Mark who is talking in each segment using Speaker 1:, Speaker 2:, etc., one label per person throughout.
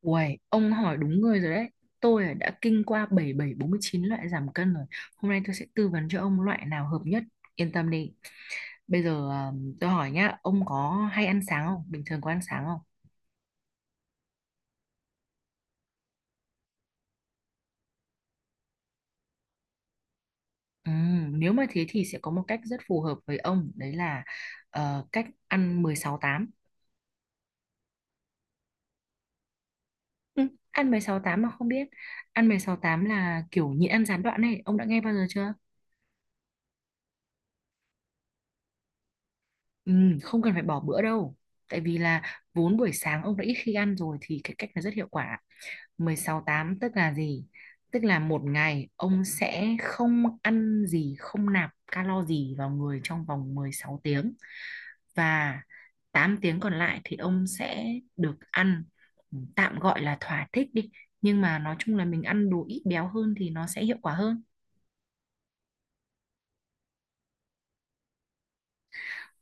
Speaker 1: Uầy, ông hỏi đúng người rồi đấy. Tôi là đã kinh qua bảy bảy bốn mươi chín loại giảm cân rồi. Hôm nay tôi sẽ tư vấn cho ông loại nào hợp nhất. Yên tâm đi. Bây giờ à, tôi hỏi nhá, ông có hay ăn sáng không? Bình thường có ăn sáng không? Nếu mà thế thì sẽ có một cách rất phù hợp với ông, đấy là cách ăn 16-8. Ừ, ăn mười sáu tám mà không biết. Ăn mười sáu tám là kiểu nhịn ăn gián đoạn này, ông đã nghe bao giờ chưa? Ừ, không cần phải bỏ bữa đâu. Tại vì là vốn buổi sáng ông đã ít khi ăn rồi thì cái cách này rất hiệu quả. 16-8 tức là gì? Tức là một ngày ông sẽ không ăn gì, không nạp calo gì vào người trong vòng 16 tiếng. Và 8 tiếng còn lại thì ông sẽ được ăn, tạm gọi là thỏa thích đi. Nhưng mà nói chung là mình ăn đồ ít béo hơn thì nó sẽ hiệu quả hơn.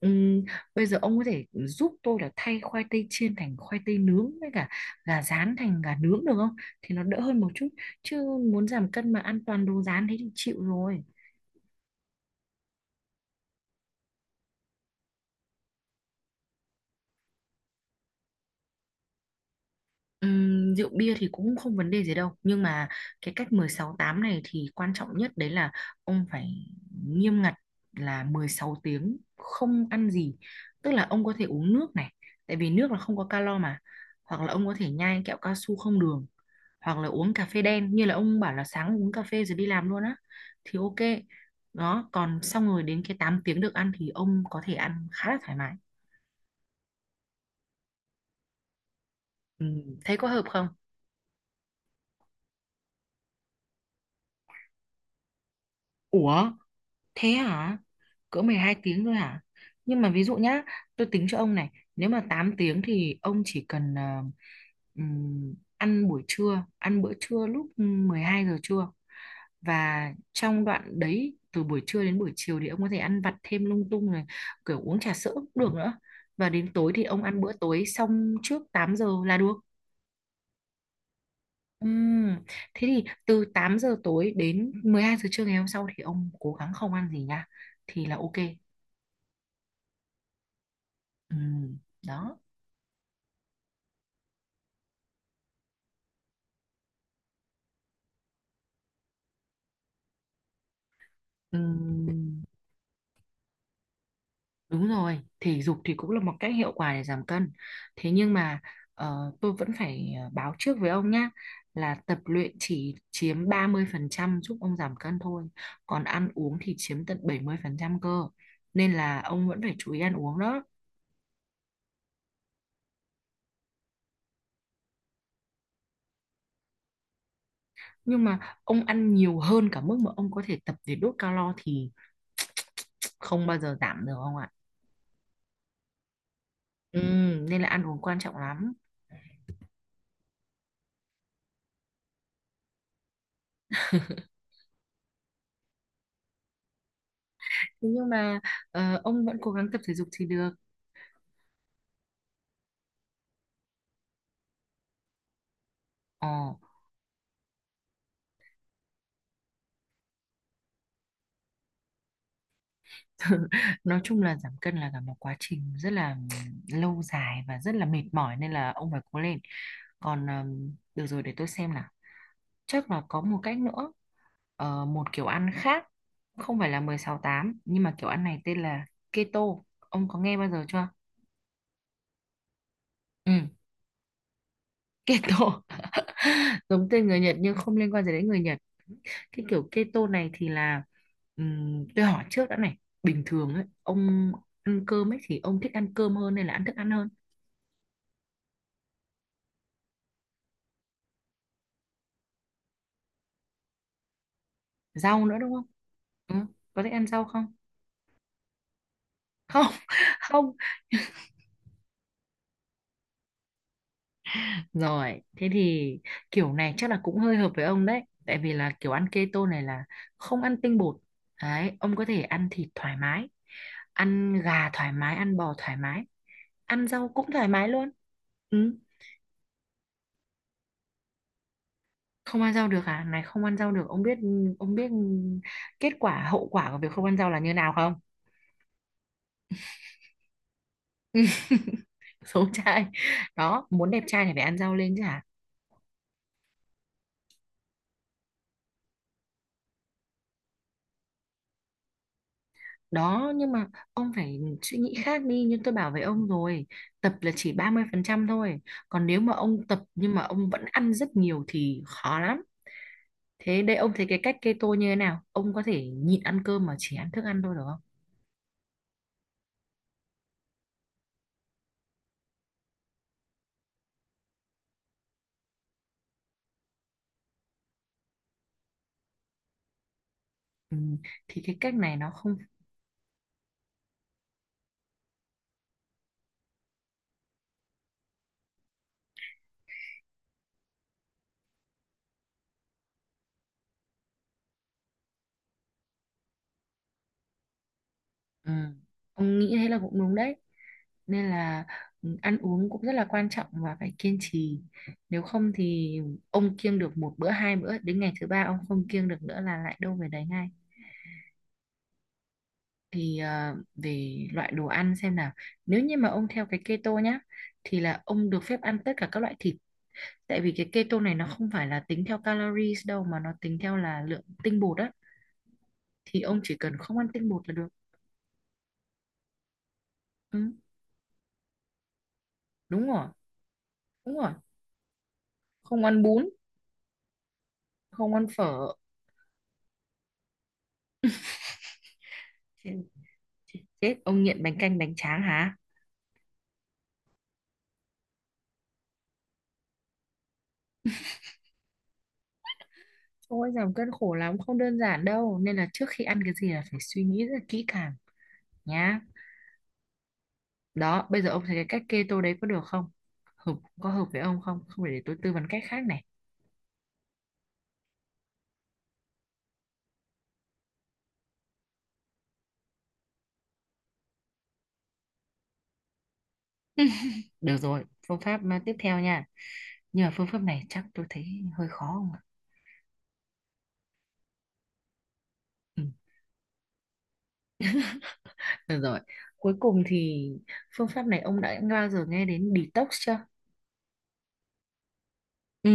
Speaker 1: Ừm, Bây giờ ông có thể giúp tôi là thay khoai tây chiên thành khoai tây nướng với cả gà rán thành gà nướng được không? Thì nó đỡ hơn một chút. Chứ muốn giảm cân mà ăn toàn đồ rán thế thì chịu rồi. Rượu bia thì cũng không vấn đề gì đâu, nhưng mà cái cách 16-8 này thì quan trọng nhất đấy là ông phải nghiêm ngặt, là 16 tiếng không ăn gì, tức là ông có thể uống nước này, tại vì nước là không có calo mà, hoặc là ông có thể nhai kẹo cao su không đường, hoặc là uống cà phê đen, như là ông bảo là sáng uống cà phê rồi đi làm luôn á, thì ok. Đó, còn xong rồi đến cái 8 tiếng được ăn thì ông có thể ăn khá là thoải mái. Thấy có hợp không? Ủa, thế hả? Cỡ mười hai tiếng thôi hả? Nhưng mà ví dụ nhá, tôi tính cho ông này, nếu mà 8 tiếng thì ông chỉ cần ăn buổi trưa, ăn bữa trưa lúc 12 giờ trưa. Và trong đoạn đấy, từ buổi trưa đến buổi chiều thì ông có thể ăn vặt thêm lung tung này, kiểu uống trà sữa cũng được nữa. Và đến tối thì ông ăn bữa tối xong trước 8 giờ là được. Ừm, Thế thì từ 8 giờ tối đến 12 giờ trưa ngày hôm sau thì ông cố gắng không ăn gì nha. Thì là ok. Ừ, đó. Ừ, đúng rồi, thể dục thì cũng là một cách hiệu quả để giảm cân, thế nhưng mà tôi vẫn phải báo trước với ông nhá, là tập luyện chỉ chiếm 30% giúp ông giảm cân thôi, còn ăn uống thì chiếm tận 70% cơ, nên là ông vẫn phải chú ý ăn uống đó. Nhưng mà ông ăn nhiều hơn cả mức mà ông có thể tập để đốt calo thì không bao giờ giảm được ông ạ. Ừ, nên là ăn uống quan trọng lắm. Thế nhưng mà ông vẫn cố gắng tập thể dục thì được. Ờ, nói chung là giảm cân là cả một quá trình rất là lâu dài và rất là mệt mỏi nên là ông phải cố lên. Còn được rồi để tôi xem nào. Chắc là có một cách nữa, ờ, một kiểu ăn khác, không phải là mười sáu tám nhưng mà kiểu ăn này tên là keto. Ông có nghe bao giờ chưa? Ừ, keto. Giống tên người Nhật nhưng không liên quan gì đến người Nhật. Cái kiểu keto này thì là tôi hỏi trước đã này, bình thường ấy, ông ăn cơm ấy thì ông thích ăn cơm hơn hay là ăn thức ăn hơn? Rau nữa đúng không? Ừ, có thích ăn rau không? Không không? Rồi thế thì kiểu này chắc là cũng hơi hợp với ông đấy, tại vì là kiểu ăn keto này là không ăn tinh bột. Đấy, ông có thể ăn thịt thoải mái, ăn gà thoải mái, ăn bò thoải mái, ăn rau cũng thoải mái luôn. Ừ. Không ăn rau được à? Này, không ăn rau được, ông biết kết quả, hậu quả của việc không ăn rau là như nào không? Xấu trai. Đó, muốn đẹp trai thì phải ăn rau lên chứ hả? Đó, nhưng mà ông phải suy nghĩ khác đi, như tôi bảo với ông rồi, tập là chỉ 30% thôi, còn nếu mà ông tập nhưng mà ông vẫn ăn rất nhiều thì khó lắm. Thế, đây ông thấy cái cách keto như thế nào, ông có thể nhịn ăn cơm mà chỉ ăn thức ăn thôi được không? Ừ. Thì cái cách này nó không. Ừ. Ông nghĩ thế là cũng đúng đấy, nên là ừ, ăn uống cũng rất là quan trọng và phải kiên trì, nếu không thì ông kiêng được một bữa hai bữa đến ngày thứ ba ông không kiêng được nữa là lại đâu về đấy ngay. Thì về loại đồ ăn xem nào, nếu như mà ông theo cái keto nhá, thì là ông được phép ăn tất cả các loại thịt, tại vì cái keto này nó không phải là tính theo calories đâu mà nó tính theo là lượng tinh bột á. Thì ông chỉ cần không ăn tinh bột là được. Ừ, đúng rồi, đúng rồi, không ăn bún, không ăn phở. Chết, chết, chết. Ông nghiện bánh canh bánh tráng hả? Ôi giảm cân khổ lắm, không đơn giản đâu, nên là trước khi ăn cái gì là phải suy nghĩ rất là kỹ càng nhá. Đó, bây giờ ông thấy cái cách keto đấy có được không? Hợp, có hợp với ông không? Không phải để tôi tư vấn cách khác này. Được rồi, phương pháp à, tiếp theo nha. Nhưng mà phương pháp này chắc tôi thấy hơi khó không ạ? Ừ. Được rồi, cuối cùng thì phương pháp này ông đã bao giờ nghe đến detox chưa? Ừ,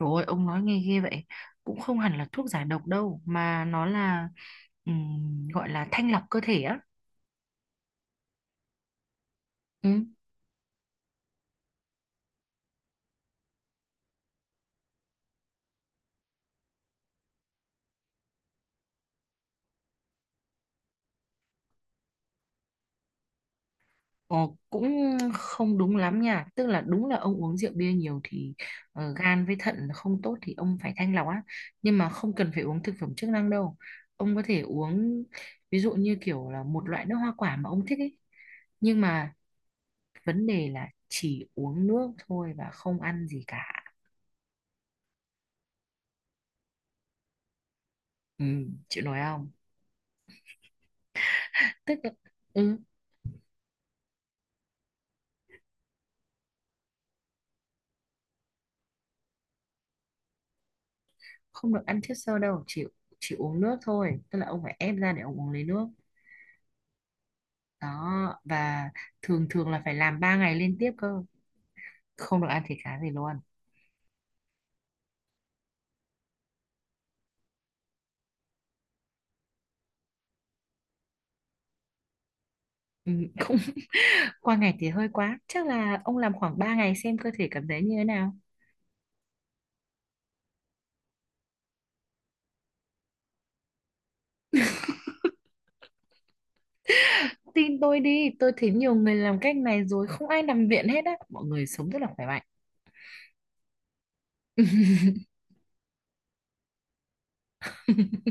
Speaker 1: trời ơi, ông nói nghe ghê vậy. Cũng không hẳn là thuốc giải độc đâu, mà nó là gọi là thanh lọc cơ thể á. Ừ. Ồ, cũng không đúng lắm nha, tức là đúng là ông uống rượu bia nhiều thì gan với thận không tốt thì ông phải thanh lọc á, nhưng mà không cần phải uống thực phẩm chức năng đâu, ông có thể uống, ví dụ như kiểu là một loại nước hoa quả mà ông thích ấy, nhưng mà vấn đề là chỉ uống nước thôi và không ăn gì cả. Ừ, chịu nổi không? Tức là ừ, không được ăn chất xơ đâu, chỉ uống nước thôi, tức là ông phải ép ra để ông uống lấy nước. Đó, và thường thường là phải làm 3 ngày liên tiếp cơ, không được ăn thịt cá gì luôn. Ừ, cũng qua ngày thì hơi quá, chắc là ông làm khoảng 3 ngày xem cơ thể cảm thấy như thế nào. Tin tôi đi, tôi thấy nhiều người làm cách này rồi không ai nằm viện hết á, mọi người sống rất là khỏe mạnh.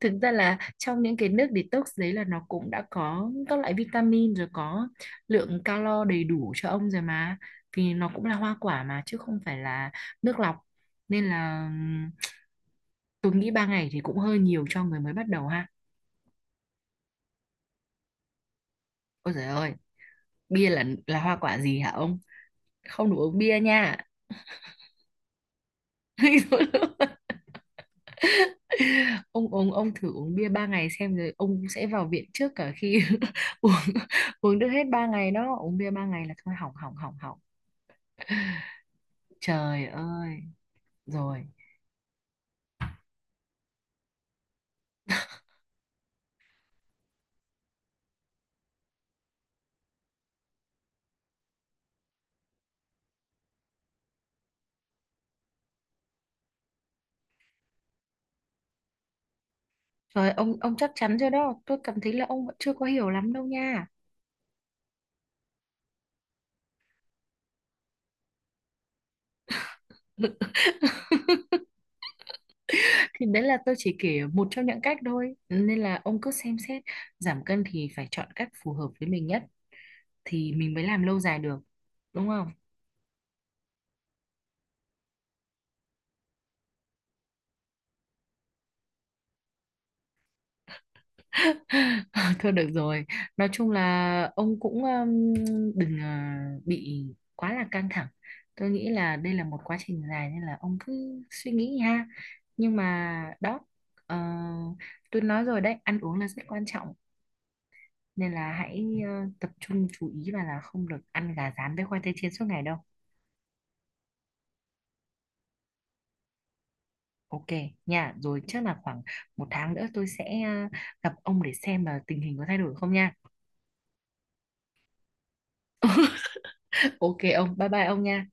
Speaker 1: Thực ra là trong những cái nước detox đấy là nó cũng đã có các loại vitamin rồi, có lượng calo đầy đủ cho ông rồi mà, vì nó cũng là hoa quả mà chứ không phải là nước lọc, nên là tôi nghĩ ba ngày thì cũng hơi nhiều cho người mới bắt đầu ha. Ôi trời ơi, bia là hoa quả gì hả ông? Không, đủ uống bia nha. Ông uống, ông thử uống bia ba ngày xem rồi ông sẽ vào viện trước cả khi uống, uống được hết ba ngày đó, uống bia ba ngày là thôi hỏng hỏng hỏng hỏng. Trời ơi. Rồi, rồi ông chắc chắn chưa đó, tôi cảm thấy là ông vẫn chưa có hiểu lắm đâu nha. Thì đấy là tôi chỉ kể một trong những cách thôi, nên là ông cứ xem xét, giảm cân thì phải chọn cách phù hợp với mình nhất thì mình mới làm lâu dài được, đúng không? Thôi được rồi. Nói chung là ông cũng đừng bị quá là căng thẳng. Tôi nghĩ là đây là một quá trình dài nên là ông cứ suy nghĩ ha. Nhưng mà đó, ờ, tôi nói rồi đấy, ăn uống là rất quan trọng. Nên là hãy tập trung chú ý và là không được ăn gà rán với khoai tây chiên suốt ngày đâu. Ok nha, rồi chắc là khoảng một tháng nữa tôi sẽ gặp ông để xem là tình hình có thay đổi không nha. Ok ông, bye bye ông nha.